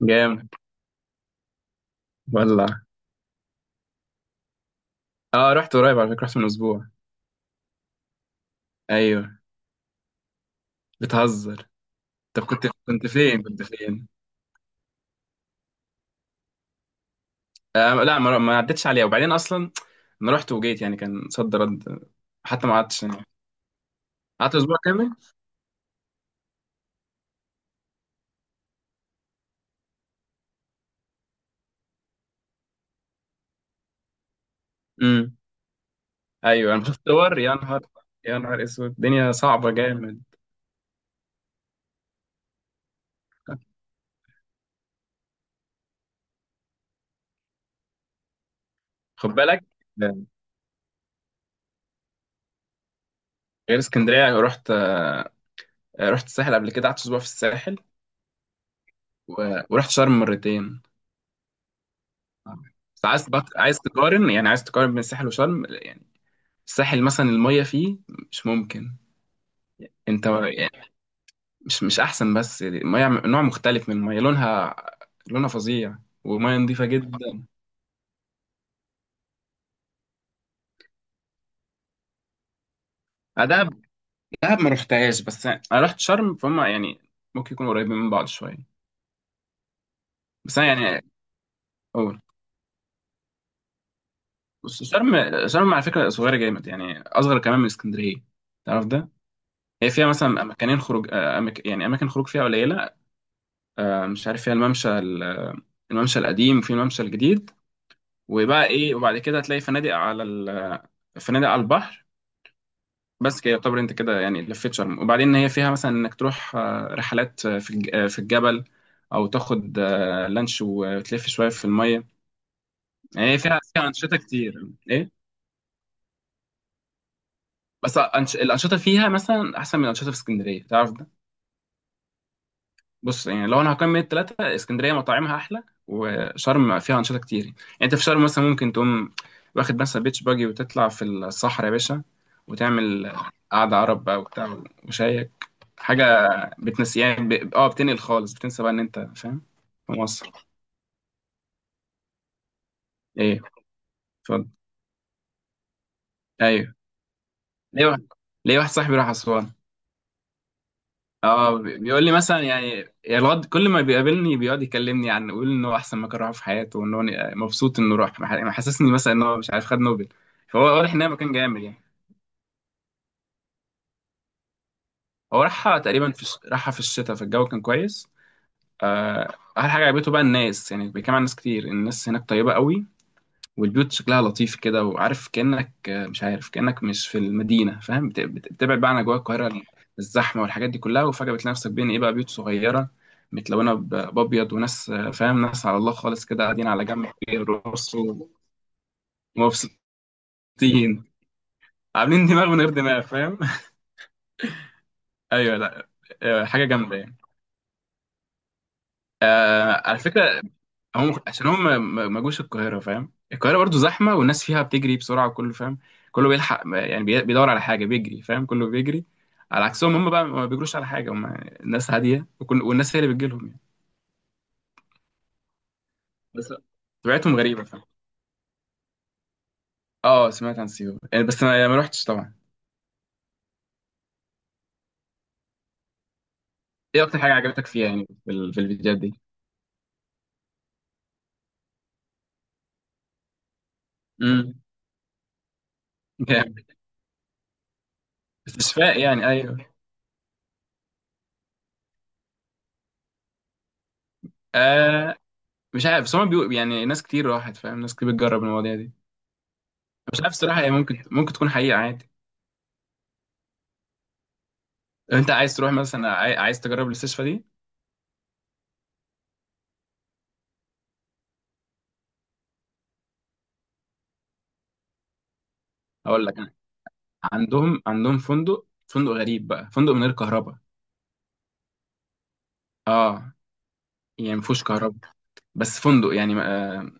جامد. والله اه رحت قريب على فكرة، رحت من اسبوع. ايوه بتهزر. طب كنت فين؟ آه لا، ما عدتش عليها، وبعدين اصلا انا رحت وجيت يعني، كان صد رد. حتى ما قعدتش هناك، قعدت اسبوع كامل. امم، ايوه انا بشوف صور. يا نهار، يا نهار اسود، الدنيا صعبة جامد. خد بالك. آه، غير اسكندرية رحت. رحت الساحل قبل كده، قعدت اسبوع في الساحل. و... ورحت شرم مرتين. عايز تقارن يعني، عايز تقارن بين الساحل وشرم؟ الساحل مثلا المية فيه مش ممكن. انت يعني مش احسن، بس المية نوع مختلف من المية، لونها لونها فظيع، ومية نظيفة جدا. دهب، دهب ما رحتهاش، بس انا رحت شرم فهم يعني، ممكن يكونوا قريبين من بعض شوية. بس انا يعني اقول، بس شرم، شرم على فكرة صغيرة جامد، يعني اصغر كمان من اسكندرية، تعرف ده. هي فيها مثلا مكانين خروج، يعني اماكن خروج فيها قليلة. مش عارف، فيها الممشى الممشى القديم، وفي الممشى الجديد. وبقى ايه وبعد كده هتلاقي فنادق على فنادق على البحر. بس كده يعتبر انت كده يعني لفيت شرم. وبعدين هي فيها مثلا انك تروح رحلات، في الجبل، او تاخد لانش وتلف شويه في الميه، يعني هي فيها انشطه كتير ايه. الانشطه فيها مثلا احسن من الانشطه في اسكندريه، تعرف ده. بص يعني لو انا هقيم من التلاتة، اسكندريه مطاعمها احلى، وشرم فيها انشطه كتير يعني. انت في شرم مثلا ممكن تقوم واخد مثلا بيتش باجي، وتطلع في الصحراء يا باشا، وتعمل قعده عرب بقى وبتاع، وشايك حاجه، بتنسي يعني ب... اه بتنقل خالص، بتنسى بقى ان انت فاهم. في مصر ايه؟ اتفضل. ايوه ليه واحد، ليه واحد صاحبي راح اسوان. بيقول لي مثلا يعني، يا الواد كل ما بيقابلني بيقعد يكلمني، عن يقول ان هو احسن مكان راحه في حياته، وان هو مبسوط انه راح، محسسني مثلا ان هو مش عارف خد نوبل. فهو واضح ان هي مكان جامد يعني. هو راحها تقريبا في راحها في الشتاء، فالجو كان كويس. احلى حاجه عجبته بقى الناس يعني، بيتكلم عن ناس كتير، الناس هناك طيبه قوي، والبيوت شكلها لطيف كده، وعارف كأنك، مش عارف كأنك مش في المدينة، فاهم، بتبعد بقى عن أجواء القاهرة، الزحمة والحاجات دي كلها، وفجأة بتلاقي نفسك بين إيه بقى، بيوت صغيرة متلونة بأبيض، وناس، فاهم، ناس على الله خالص كده قاعدين على جنب بيرقصوا، ومبسوطين، عاملين دماغ من غير دماغ فاهم. أيوه لا، حاجة جامدة يعني. آه على فكرة، هم عشان هم ما جوش القاهرة فاهم. القاهرة برضو زحمة، والناس فيها بتجري بسرعة، وكله فاهم، كله بيلحق يعني، بيدور على حاجة بيجري فاهم، كله بيجري. على عكسهم، هم بقى ما بيجروش على حاجة، هم ناس هادية وكل، والناس هي اللي بتجيلهم يعني. بس طبيعتهم غريبة فاهم. اه سمعت عن سيوة يعني، بس ما رحتش طبعا. ايه أكتر حاجة عجبتك فيها يعني، في الفيديوهات دي؟ امم. جامد. استشفاء يعني، ايوه. آه مش عارف، بس هم بيقول يعني، ناس كتير راحت فاهم، ناس كتير بتجرب المواضيع دي. مش عارف الصراحة، هي ممكن تكون حقيقة عادي. لو انت عايز تروح مثلا، عايز تجرب المستشفى دي. هقول لك انا، عندهم فندق، فندق غريب بقى، فندق من غير كهرباء. اه يعني مفهوش كهرباء، بس فندق يعني آه،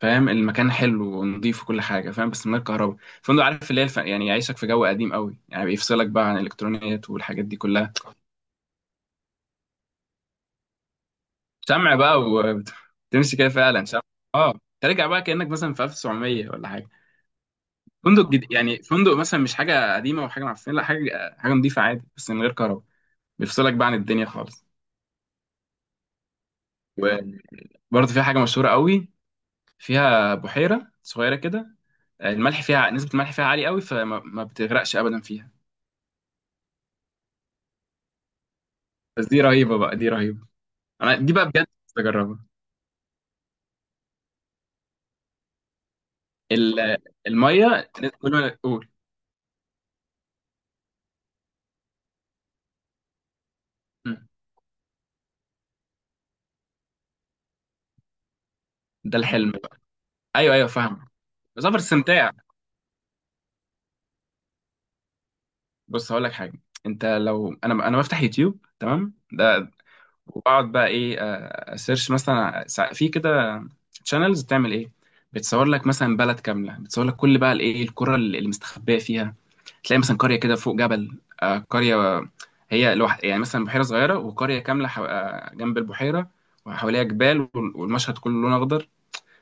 فاهم المكان حلو ونضيف وكل حاجه فاهم، بس من غير كهرباء. فندق، عارف اللي هي يعني يعيشك في جو قديم قوي يعني، بيفصلك بقى عن الالكترونيات والحاجات دي كلها. شمع بقى وتمشي كده، فعلا شمع. اه ترجع بقى كانك مثلا في 1700 ولا حاجه. فندق جديد يعني، فندق مثلا مش حاجه قديمه وحاجه معفنه، لا، حاجه نضيفه عادي، بس من غير كهرباء، بيفصلك بقى عن الدنيا خالص. وبرضه في حاجه مشهوره قوي، فيها بحيره صغيره كده، الملح فيها، نسبه الملح فيها عاليه قوي، فما ما بتغرقش ابدا فيها. بس دي رهيبه بقى، دي رهيبه، انا دي بقى بجد نفسي اجربها. ال- الميه، كل ما اقول. مم. ده الحلم بقى. ايوه ايوه فاهم، سفر استمتاع. بص هقول لك حاجه، انت لو، انا بفتح يوتيوب تمام ده، واقعد بقى ايه، في كده تشانلز بتعمل ايه، بتصور لك مثلا بلد كامله، بتصور لك كل بقى الايه، القرى اللي مستخبيه فيها، تلاقي مثلا قريه كده فوق جبل، قريه هي لوحد يعني، مثلا بحيره صغيره، وقريه كامله حو... آه، جنب البحيره، وحواليها جبال، والمشهد كله لون اخضر،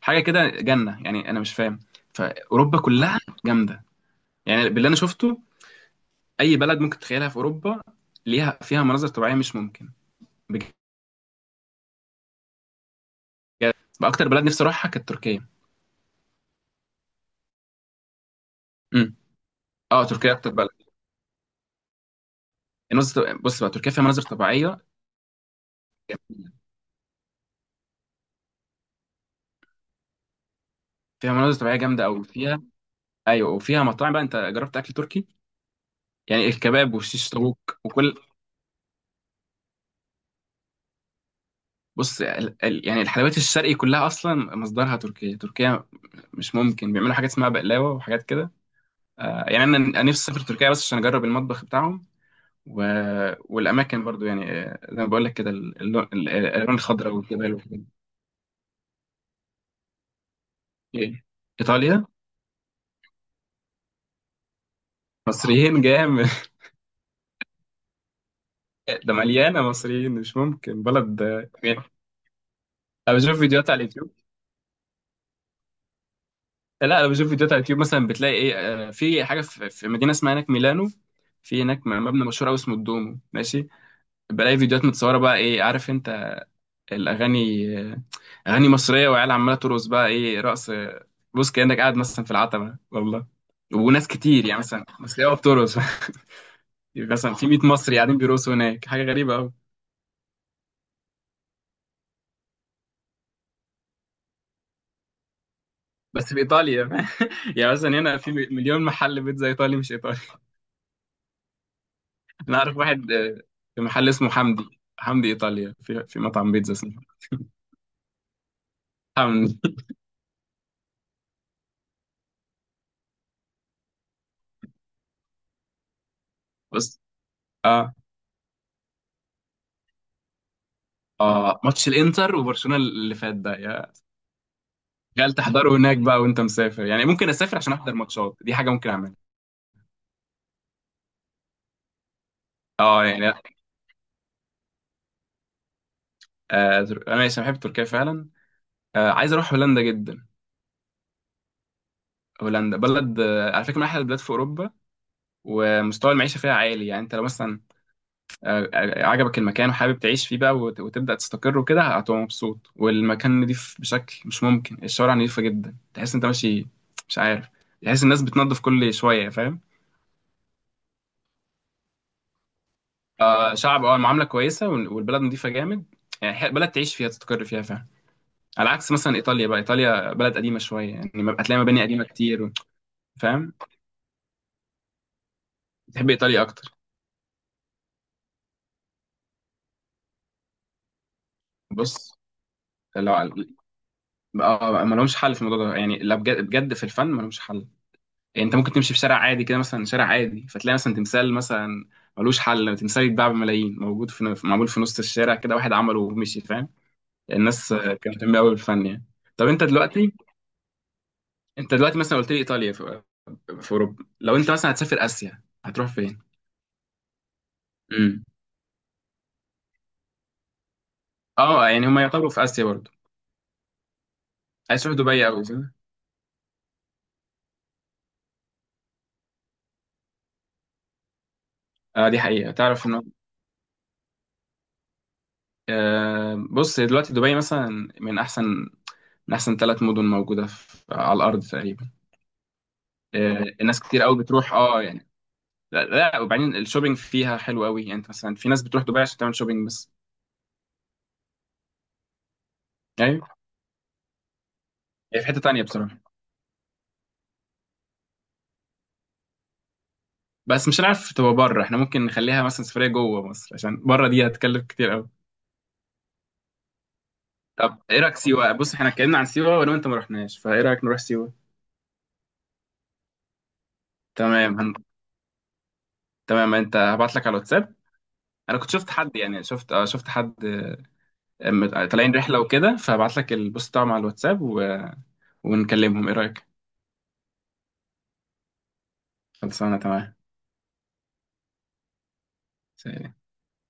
حاجه كده جنه يعني انا مش فاهم. فاوروبا كلها جامده يعني، باللي انا شفته، اي بلد ممكن تتخيلها في اوروبا، ليها فيها مناظر طبيعيه مش ممكن. بجد. واكتر بلد نفسي اروحها كانت تركيا. امم، اه تركيا اكتر بلد. المناظر، بص بقى تركيا فيها مناظر طبيعيه، فيها مناظر طبيعيه جامده قوي فيها. ايوه وفيها مطاعم بقى، انت جربت اكل تركي؟ يعني الكباب والشيش طاووق وكل. بص يعني الحلويات الشرقي كلها اصلا مصدرها تركيا. تركيا مش ممكن، بيعملوا حاجات اسمها بقلاوه وحاجات كده. آه يعني، أنا نفسي اسافر تركيا بس عشان اجرب المطبخ بتاعهم، و... والاماكن برضو يعني، زي ما بقول لك كده، اللون الالوان الخضراء والجبال والحاجات دي. ايه ايطاليا، مصريين جامد. ده مليانه مصريين، مش ممكن بلد يعني. انا بشوف فيديوهات على اليوتيوب. لا انا بشوف فيديوهات على اليوتيوب، مثلا بتلاقي ايه، في حاجه، في مدينه اسمها هناك ميلانو، في هناك مبنى مشهور قوي اسمه الدومو ماشي. بلاقي فيديوهات متصوره بقى ايه، عارف انت الاغاني، اغاني مصريه، وعيال عماله ترقص بقى ايه رقص، بص كانك قاعد مثلا في العتبه والله، وناس كتير يعني مثلا مصريه بترقص. مثلا في 100 مصري قاعدين بيرقصوا هناك، حاجه غريبه قوي. بس في ايطاليا. يعني مثلا هنا في مليون محل بيتزا ايطالي مش ايطالي. انا اعرف واحد، في محل اسمه حمدي، حمدي ايطاليا، في مطعم بيتزا اسمه حمدي. بص اه. اه ماتش الانتر وبرشلونه اللي فات ده يا، قال تحضره هناك بقى وانت مسافر، يعني ممكن اسافر عشان احضر ماتشات، دي حاجه ممكن اعملها. اه يعني، انا ماشي، أنا بحب تركيا فعلا. آه عايز اروح هولندا جدا. هولندا بلد آه على فكره من احلى البلاد في اوروبا، ومستوى المعيشه فيها عالي يعني. انت لو مثلا عجبك المكان وحابب تعيش فيه بقى، وتبدأ تستقر وكده، هتبقى مبسوط، والمكان نضيف بشكل مش ممكن، الشوارع نضيفة جدا، تحس انت ماشي مش عارف، تحس الناس بتنظف كل شوية فاهم. آه شعب، اه المعاملة كويسة، والبلد نضيفة جامد يعني، بلد تعيش فيها تستقر فيها فاهم. على عكس مثلا إيطاليا بقى، إيطاليا بلد قديمة شوية يعني، هتلاقي مباني قديمة كتير و، فاهم تحب إيطاليا أكتر. بص لو اه ما لهمش حل في الموضوع ده يعني، لا بجد بجد في الفن ما لهمش حل. يعني انت ممكن تمشي في شارع عادي كده، مثلا شارع عادي، فتلاقي مثلا تمثال مثلا ملوش حل، تمثال يتباع بملايين، موجود معمول في نص الشارع كده، واحد عمله ومشي فاهم. الناس كانت مهتمه قوي بالفن يعني. طب انت دلوقتي، انت دلوقتي مثلا قلت لي ايطاليا في اوروبا، لو انت مثلا هتسافر اسيا هتروح فين؟ امم، اه يعني هم يعتبروا في اسيا برضه. عايز تروح دبي قوي صح؟ اه دي حقيقه، تعرف ان آه بص دلوقتي دبي مثلا، من احسن من احسن ثلاث مدن موجوده في على الارض تقريبا. آه الناس كتير قوي بتروح اه يعني. لا لا، وبعدين الشوبينج فيها حلو قوي يعني، انت مثلا في ناس بتروح دبي عشان تعمل شوبينج بس. ايوه هي في حته تانية بصراحه. بس مش هنعرف تبقى بره، احنا ممكن نخليها مثلا سفريه جوه مصر، عشان بره دي هتكلف كتير قوي. طب ايه رايك سيوه؟ بص احنا اتكلمنا عن سيوه، وانا وانت ما رحناش، فايه رايك نروح سيوه؟ تمام تمام انت، هبعت لك على الواتساب. انا كنت شفت حد يعني، شفت حد، طالعين رحله وكده، فهبعت لك البوست بتاعهم على الواتساب، ونكلمهم، ايه رايك؟ خلصانه تمام.